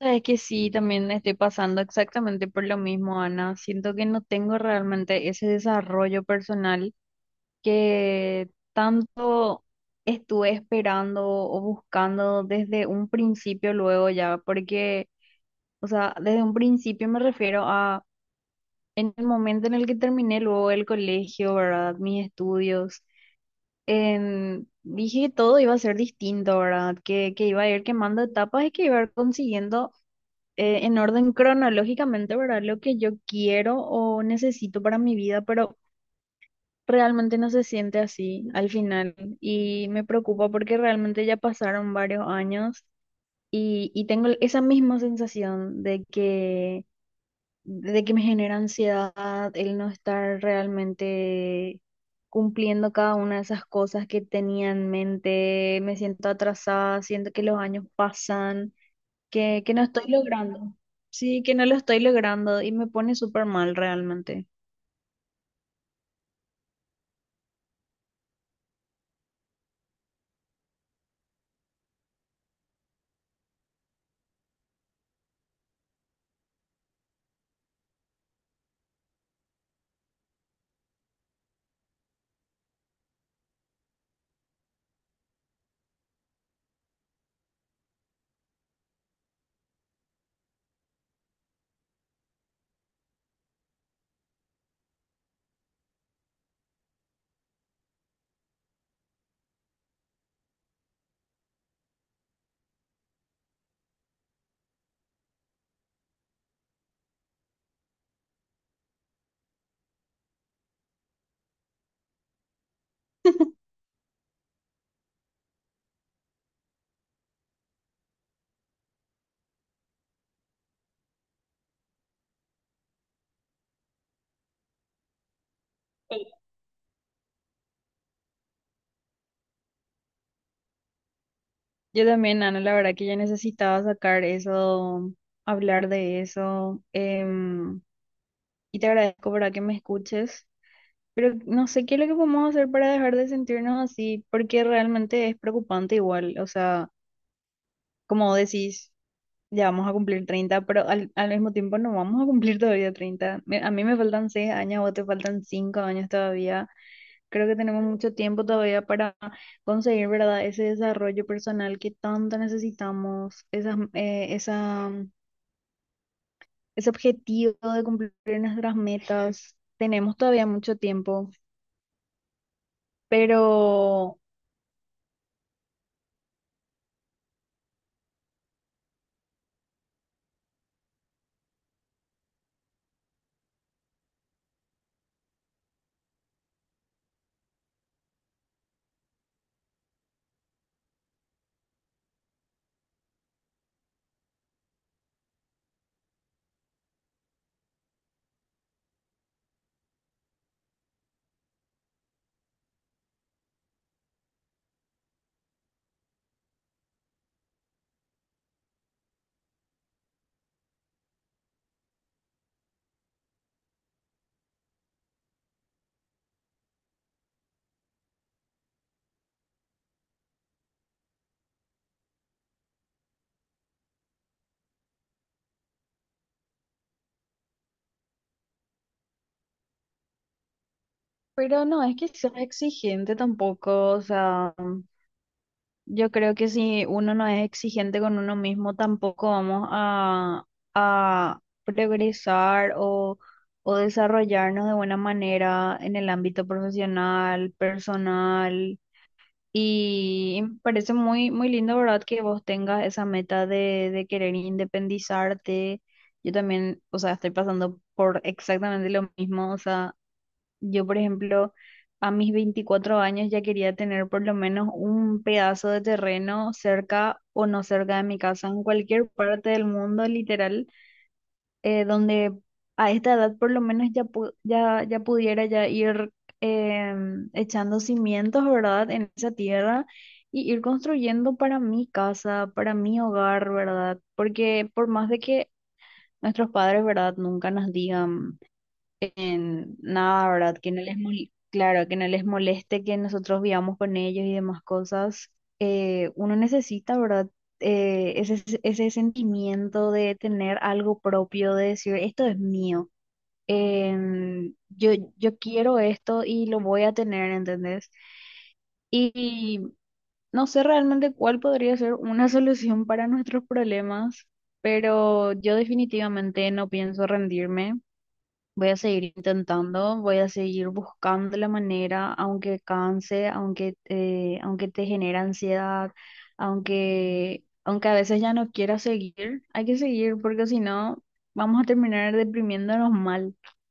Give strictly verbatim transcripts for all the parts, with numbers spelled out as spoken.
Sabes que sí, también estoy pasando exactamente por lo mismo, Ana. Siento que no tengo realmente ese desarrollo personal que tanto estuve esperando o buscando desde un principio luego ya, porque, o sea, desde un principio me refiero a en el momento en el que terminé luego el colegio, ¿verdad? Mis estudios. En- dije que todo iba a ser distinto, ¿verdad? Que, que iba a ir quemando etapas y que iba a ir consiguiendo eh, en orden cronológicamente, ¿verdad? Lo que yo quiero o necesito para mi vida, pero realmente no se siente así al final y me preocupa porque realmente ya pasaron varios años y, y tengo esa misma sensación de que, de que me genera ansiedad el no estar realmente cumpliendo cada una de esas cosas que tenía en mente. Me siento atrasada, siento que los años pasan, que, que no estoy logrando. Sí, que no lo estoy logrando y me pone súper mal realmente. Sí. Yo también, Ana, la verdad que ya necesitaba sacar eso, hablar de eso. Em, y te agradezco para que me escuches, pero no sé qué es lo que podemos hacer para dejar de sentirnos así, porque realmente es preocupante igual. O sea, como decís, ya vamos a cumplir treinta, pero al, al mismo tiempo no vamos a cumplir todavía treinta. Me- A mí me faltan seis años, a vos te faltan cinco años todavía. Creo que tenemos mucho tiempo todavía para conseguir, ¿verdad? Ese desarrollo personal que tanto necesitamos, esas, eh, esa, mm, ese objetivo de cumplir nuestras metas. Tenemos todavía mucho tiempo, pero, pero no es que sea exigente tampoco. O sea, yo creo que si uno no es exigente con uno mismo, tampoco vamos a a progresar o, o desarrollarnos de buena manera en el ámbito profesional, personal. Y me parece muy, muy lindo, ¿verdad? Que vos tengas esa meta de, de querer independizarte. Yo también, o sea, estoy pasando por exactamente lo mismo, o sea. Yo, por ejemplo, a mis veinticuatro años ya quería tener por lo menos un pedazo de terreno cerca o no cerca de mi casa, en cualquier parte del mundo, literal, eh, donde a esta edad por lo menos ya, pu- ya, ya pudiera ya ir, em, echando cimientos, ¿verdad?, en esa tierra y ir construyendo para mi casa, para mi hogar, ¿verdad? Porque por más de que nuestros padres, ¿verdad?, nunca nos digan en nada, ¿verdad? Que no les mol- claro, que no les moleste que nosotros vivamos con ellos y demás cosas. Eh, uno necesita, ¿verdad? Eh, ese, ese sentimiento de tener algo propio, de decir, esto es mío. Em, yo, yo quiero esto y lo voy a tener, ¿entendés? Y no sé realmente cuál podría ser una solución para nuestros problemas, pero yo definitivamente no pienso rendirme. Voy a seguir intentando, voy a seguir buscando la manera, aunque canse, aunque, eh, aunque te genera ansiedad, aunque, aunque a veces ya no quieras seguir, hay que seguir porque si no vamos a terminar deprimiéndonos mal.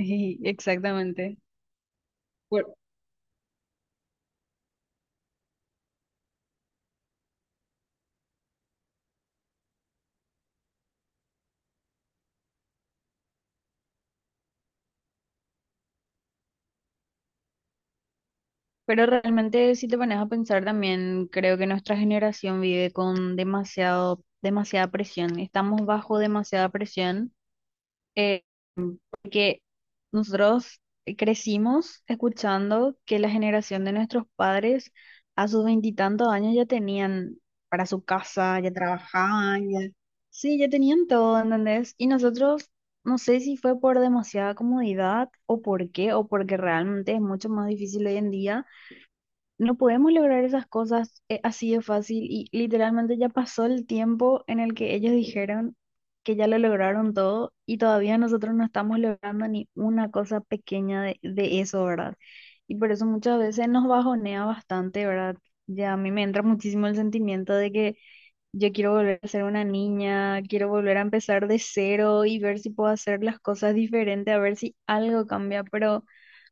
Sí, exactamente. Por- Pero realmente si te pones a pensar también, creo que nuestra generación vive con demasiado, demasiada presión. Estamos bajo demasiada presión porque nosotros crecimos escuchando que la generación de nuestros padres a sus veintitantos años ya tenían para su casa, ya trabajaban, ya... Sí, ya tenían todo, ¿entendés? Y nosotros, no sé si fue por demasiada comodidad o por qué, o porque realmente es mucho más difícil hoy en día. No podemos lograr esas cosas, eh, así de fácil, y literalmente ya pasó el tiempo en el que ellos dijeron que ya lo lograron todo y todavía nosotros no estamos logrando ni una cosa pequeña de, de eso, ¿verdad? Y por eso muchas veces nos bajonea bastante, ¿verdad? Ya a mí me entra muchísimo el sentimiento de que yo quiero volver a ser una niña, quiero volver a empezar de cero y ver si puedo hacer las cosas diferente, a ver si algo cambia, pero...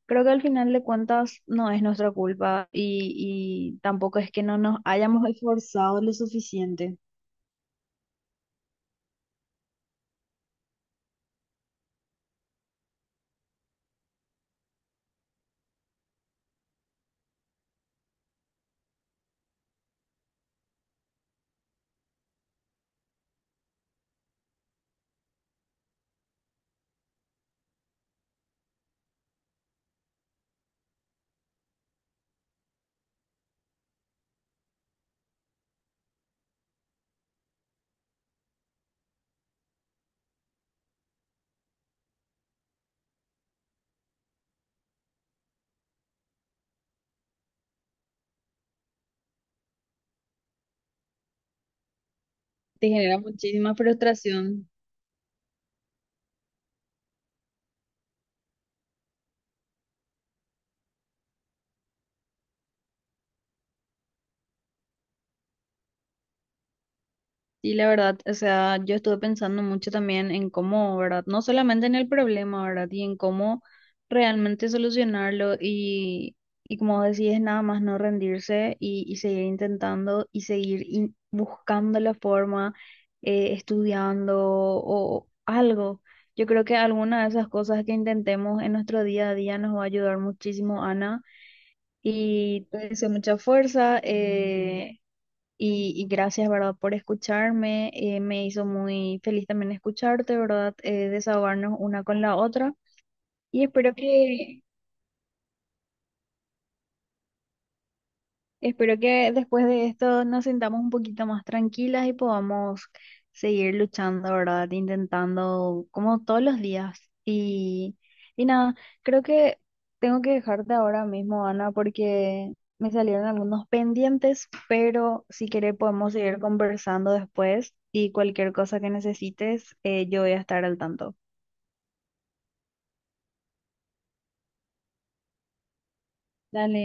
Creo que al final de cuentas no es nuestra culpa y, y tampoco es que no nos hayamos esforzado lo suficiente. Te genera muchísima frustración. Y la verdad, o sea, yo estuve pensando mucho también en cómo, ¿verdad? No solamente en el problema, ¿verdad? Y en cómo realmente solucionarlo y, y como decís, nada más no rendirse y, y seguir intentando y seguir in- buscando la forma, eh, estudiando o algo. Yo creo que alguna de esas cosas que intentemos en nuestro día a día nos va a ayudar muchísimo, Ana. Y te deseo mucha fuerza. Eh, y, y gracias, ¿verdad?, por escucharme. Eh, me hizo muy feliz también escucharte, ¿verdad?, eh, desahogarnos una con la otra. Y espero que, espero que después de esto nos sintamos un poquito más tranquilas y podamos seguir luchando, ¿verdad? Intentando como todos los días. Y, y nada, creo que tengo que dejarte ahora mismo, Ana, porque me salieron algunos pendientes, pero si quieres podemos seguir conversando después y cualquier cosa que necesites, eh, yo voy a estar al tanto. Dale.